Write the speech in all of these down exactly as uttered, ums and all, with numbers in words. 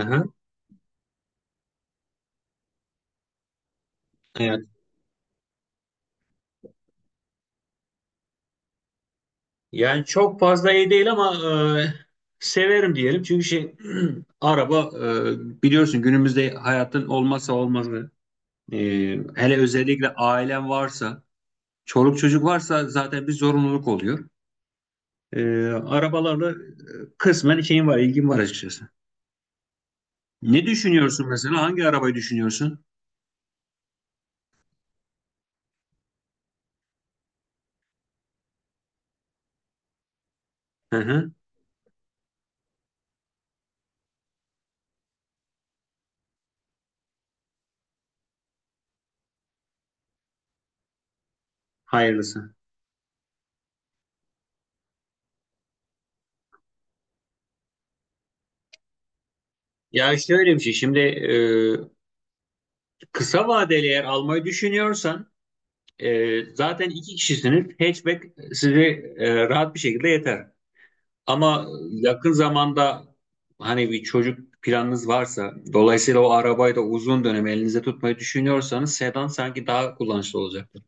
Aha, evet. Yani çok fazla iyi değil ama e, severim diyelim. Çünkü şey araba e, biliyorsun günümüzde hayatın olmazsa olmazı. E, Hele özellikle ailen varsa, çoluk çocuk varsa zaten bir zorunluluk oluyor. E, arabalarla e, kısmen şeyim var, ilgim var açıkçası. Ne düşünüyorsun mesela? Hangi arabayı düşünüyorsun? Hı hı, hayırlısı. Ya şöyle bir şey. Şimdi e, kısa vadeli eğer almayı düşünüyorsan E, zaten iki kişisiniz. Hatchback sizi e, rahat bir şekilde yeter. Ama yakın zamanda hani bir çocuk planınız varsa, dolayısıyla o arabayı da uzun dönem elinizde tutmayı düşünüyorsanız sedan sanki daha kullanışlı olacaktır.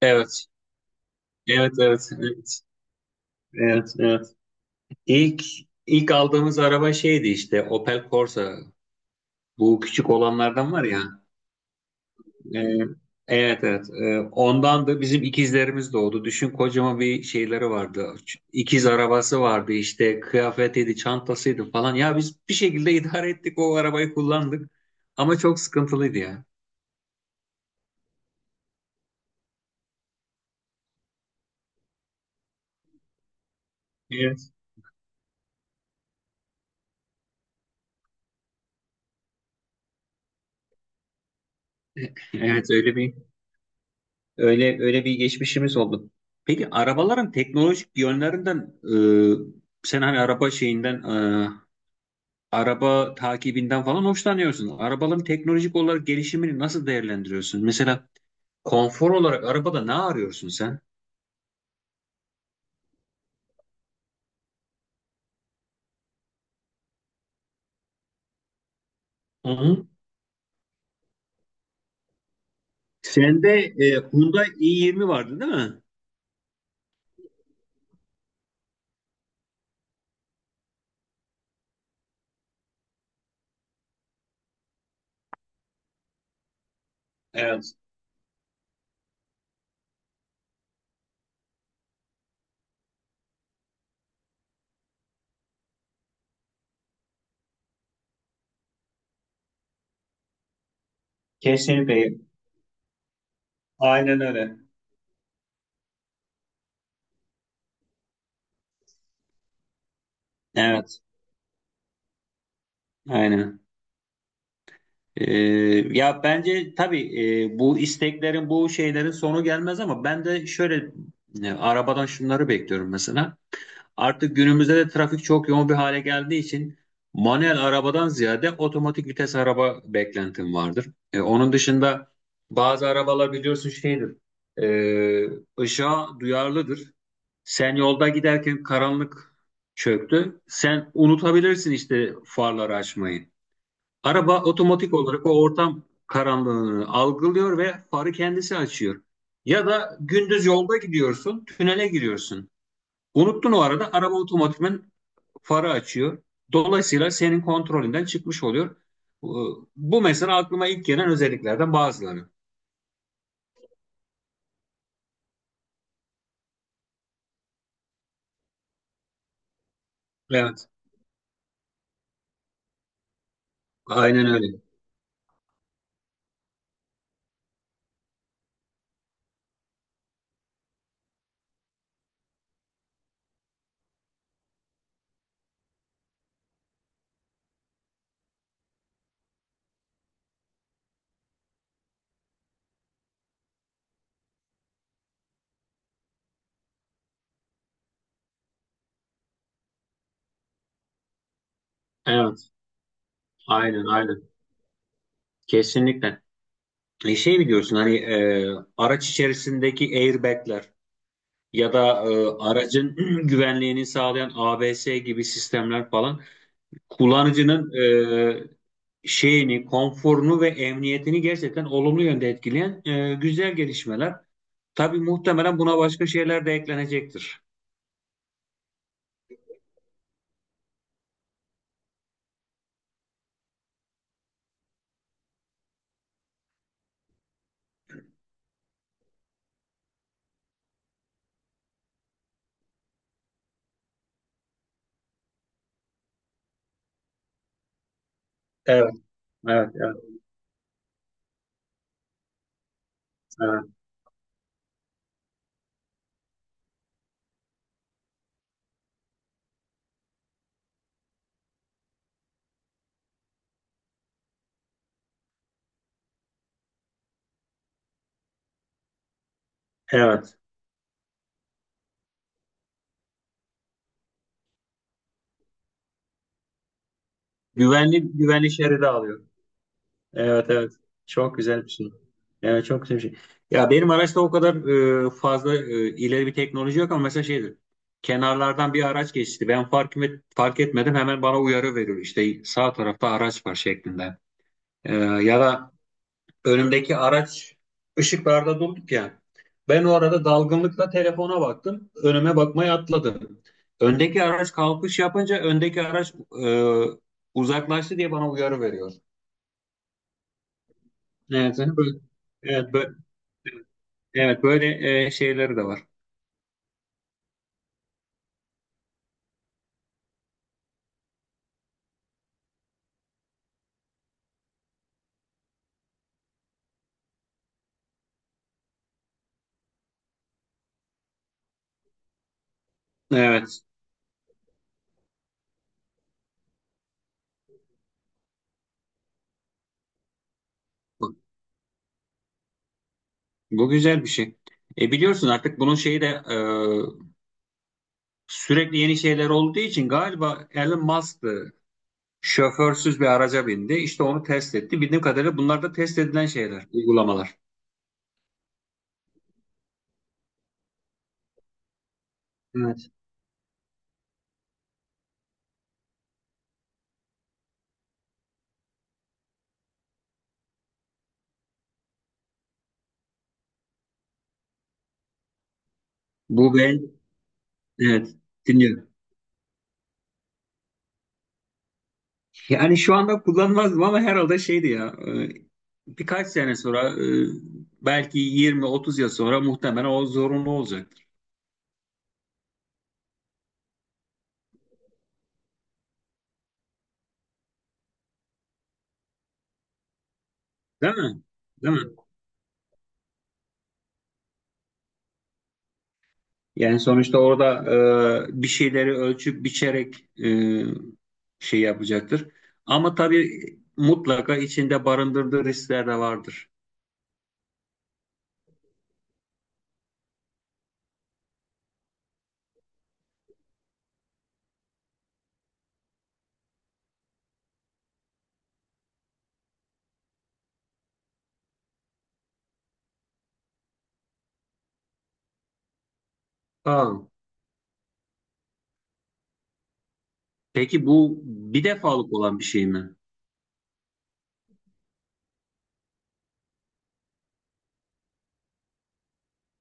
Evet, evet, evet, evet, evet, evet. İlk ilk aldığımız araba şeydi işte Opel Corsa. Bu küçük olanlardan var ya. Ee, evet evet. Ee, ondan da bizim ikizlerimiz doğdu. Düşün kocaman bir şeyleri vardı. İkiz arabası vardı işte kıyafetiydi, çantasıydı falan. Ya biz bir şekilde idare ettik o arabayı kullandık. Ama çok sıkıntılıydı ya. Evet. Evet öyle bir öyle öyle bir geçmişimiz oldu. Peki arabaların teknolojik yönlerinden e, sen hani araba şeyinden e, araba takibinden falan hoşlanıyorsun. Arabaların teknolojik olarak gelişimini nasıl değerlendiriyorsun? Mesela konfor olarak arabada ne arıyorsun sen? Hı-hı. Sende e, Hyundai i yirmi vardı değil mi? Evet. Kesinlikle. Aynen öyle. Evet. Aynen. E, ya bence tabii e, bu isteklerin, bu şeylerin sonu gelmez ama ben de şöyle e, arabadan şunları bekliyorum mesela. Artık günümüzde de trafik çok yoğun bir hale geldiği için manuel arabadan ziyade otomatik vites araba beklentim vardır. E, onun dışında bazı arabalar biliyorsun şeydir, e, ışığa duyarlıdır. Sen yolda giderken karanlık çöktü. Sen unutabilirsin işte farları açmayı. Araba otomatik olarak o ortam karanlığını algılıyor ve farı kendisi açıyor. Ya da gündüz yolda gidiyorsun, tünele giriyorsun. Unuttun o arada araba otomatikman farı açıyor. Dolayısıyla senin kontrolünden çıkmış oluyor. Bu mesela aklıma ilk gelen özelliklerden bazıları. Evet, aynen öyle. Evet, aynen aynen. Kesinlikle. E şey biliyorsun hani e, araç içerisindeki airbagler ya da e, aracın güvenliğini sağlayan A B S gibi sistemler falan kullanıcının e, şeyini, konforunu ve emniyetini gerçekten olumlu yönde etkileyen e, güzel gelişmeler. Tabii muhtemelen buna başka şeyler de eklenecektir. Evet, evet, evet, evet, evet. Güvenli, güvenli şeridi alıyor. Evet, evet. Çok güzel bir şey. Evet, çok güzel bir şey. Ya benim araçta o kadar e, fazla e, ileri bir teknoloji yok ama mesela şeydir. Kenarlardan bir araç geçti. Ben fark, et- fark etmedim. Hemen bana uyarı veriyor. İşte sağ tarafta araç var şeklinde. E, ya da önümdeki araç ışıklarda durduk ya. Ben o arada dalgınlıkla telefona baktım. Önüme bakmayı atladım. Öndeki araç kalkış yapınca öndeki araç e, uzaklaştı diye bana uyarı veriyor. Evet, yani böyle, evet, böyle, evet, böyle e, şeyleri de var. Evet. Bu, bu güzel bir şey. E biliyorsun artık bunun şeyi de e, sürekli yeni şeyler olduğu için galiba Elon Musk'tı. Şoförsüz bir araca bindi. İşte onu test etti. Bildiğim kadarıyla bunlar da test edilen şeyler, uygulamalar. Evet. Bu ben, evet, dinliyorum. Yani şu anda kullanmazdım ama herhalde şeydi ya, e, birkaç sene sonra, e, belki yirmi otuz yıl sonra muhtemelen o zorunlu olacaktır. Değil mi? Değil mi? Yani sonuçta orada e, bir şeyleri ölçüp biçerek e, şey yapacaktır. Ama tabii mutlaka içinde barındırdığı riskler de vardır. Aa. Peki bu bir defalık olan bir şey mi?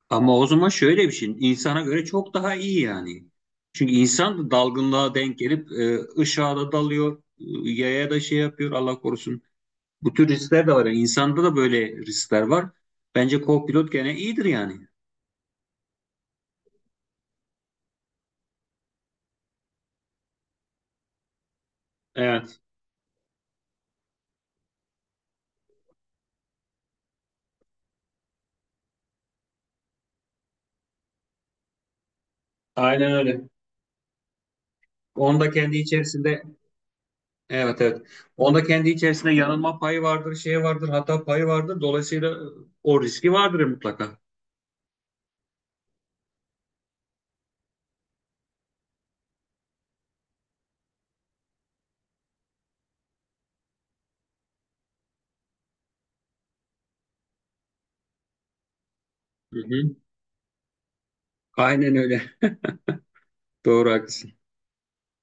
Ama o zaman şöyle bir şey, insana göre çok daha iyi yani. Çünkü insan da dalgınlığa denk gelip e, ışığa da dalıyor, e, yaya da şey yapıyor Allah korusun. Bu tür riskler de var. Yani insanda da böyle riskler var. Bence co-pilot gene iyidir yani. Evet, aynen öyle. Onda kendi içerisinde evet evet. Onda kendi içerisinde yanılma payı vardır, şey vardır, hata payı vardır. Dolayısıyla o riski vardır mutlaka. Hı hı. Aynen öyle. Doğru haklısın.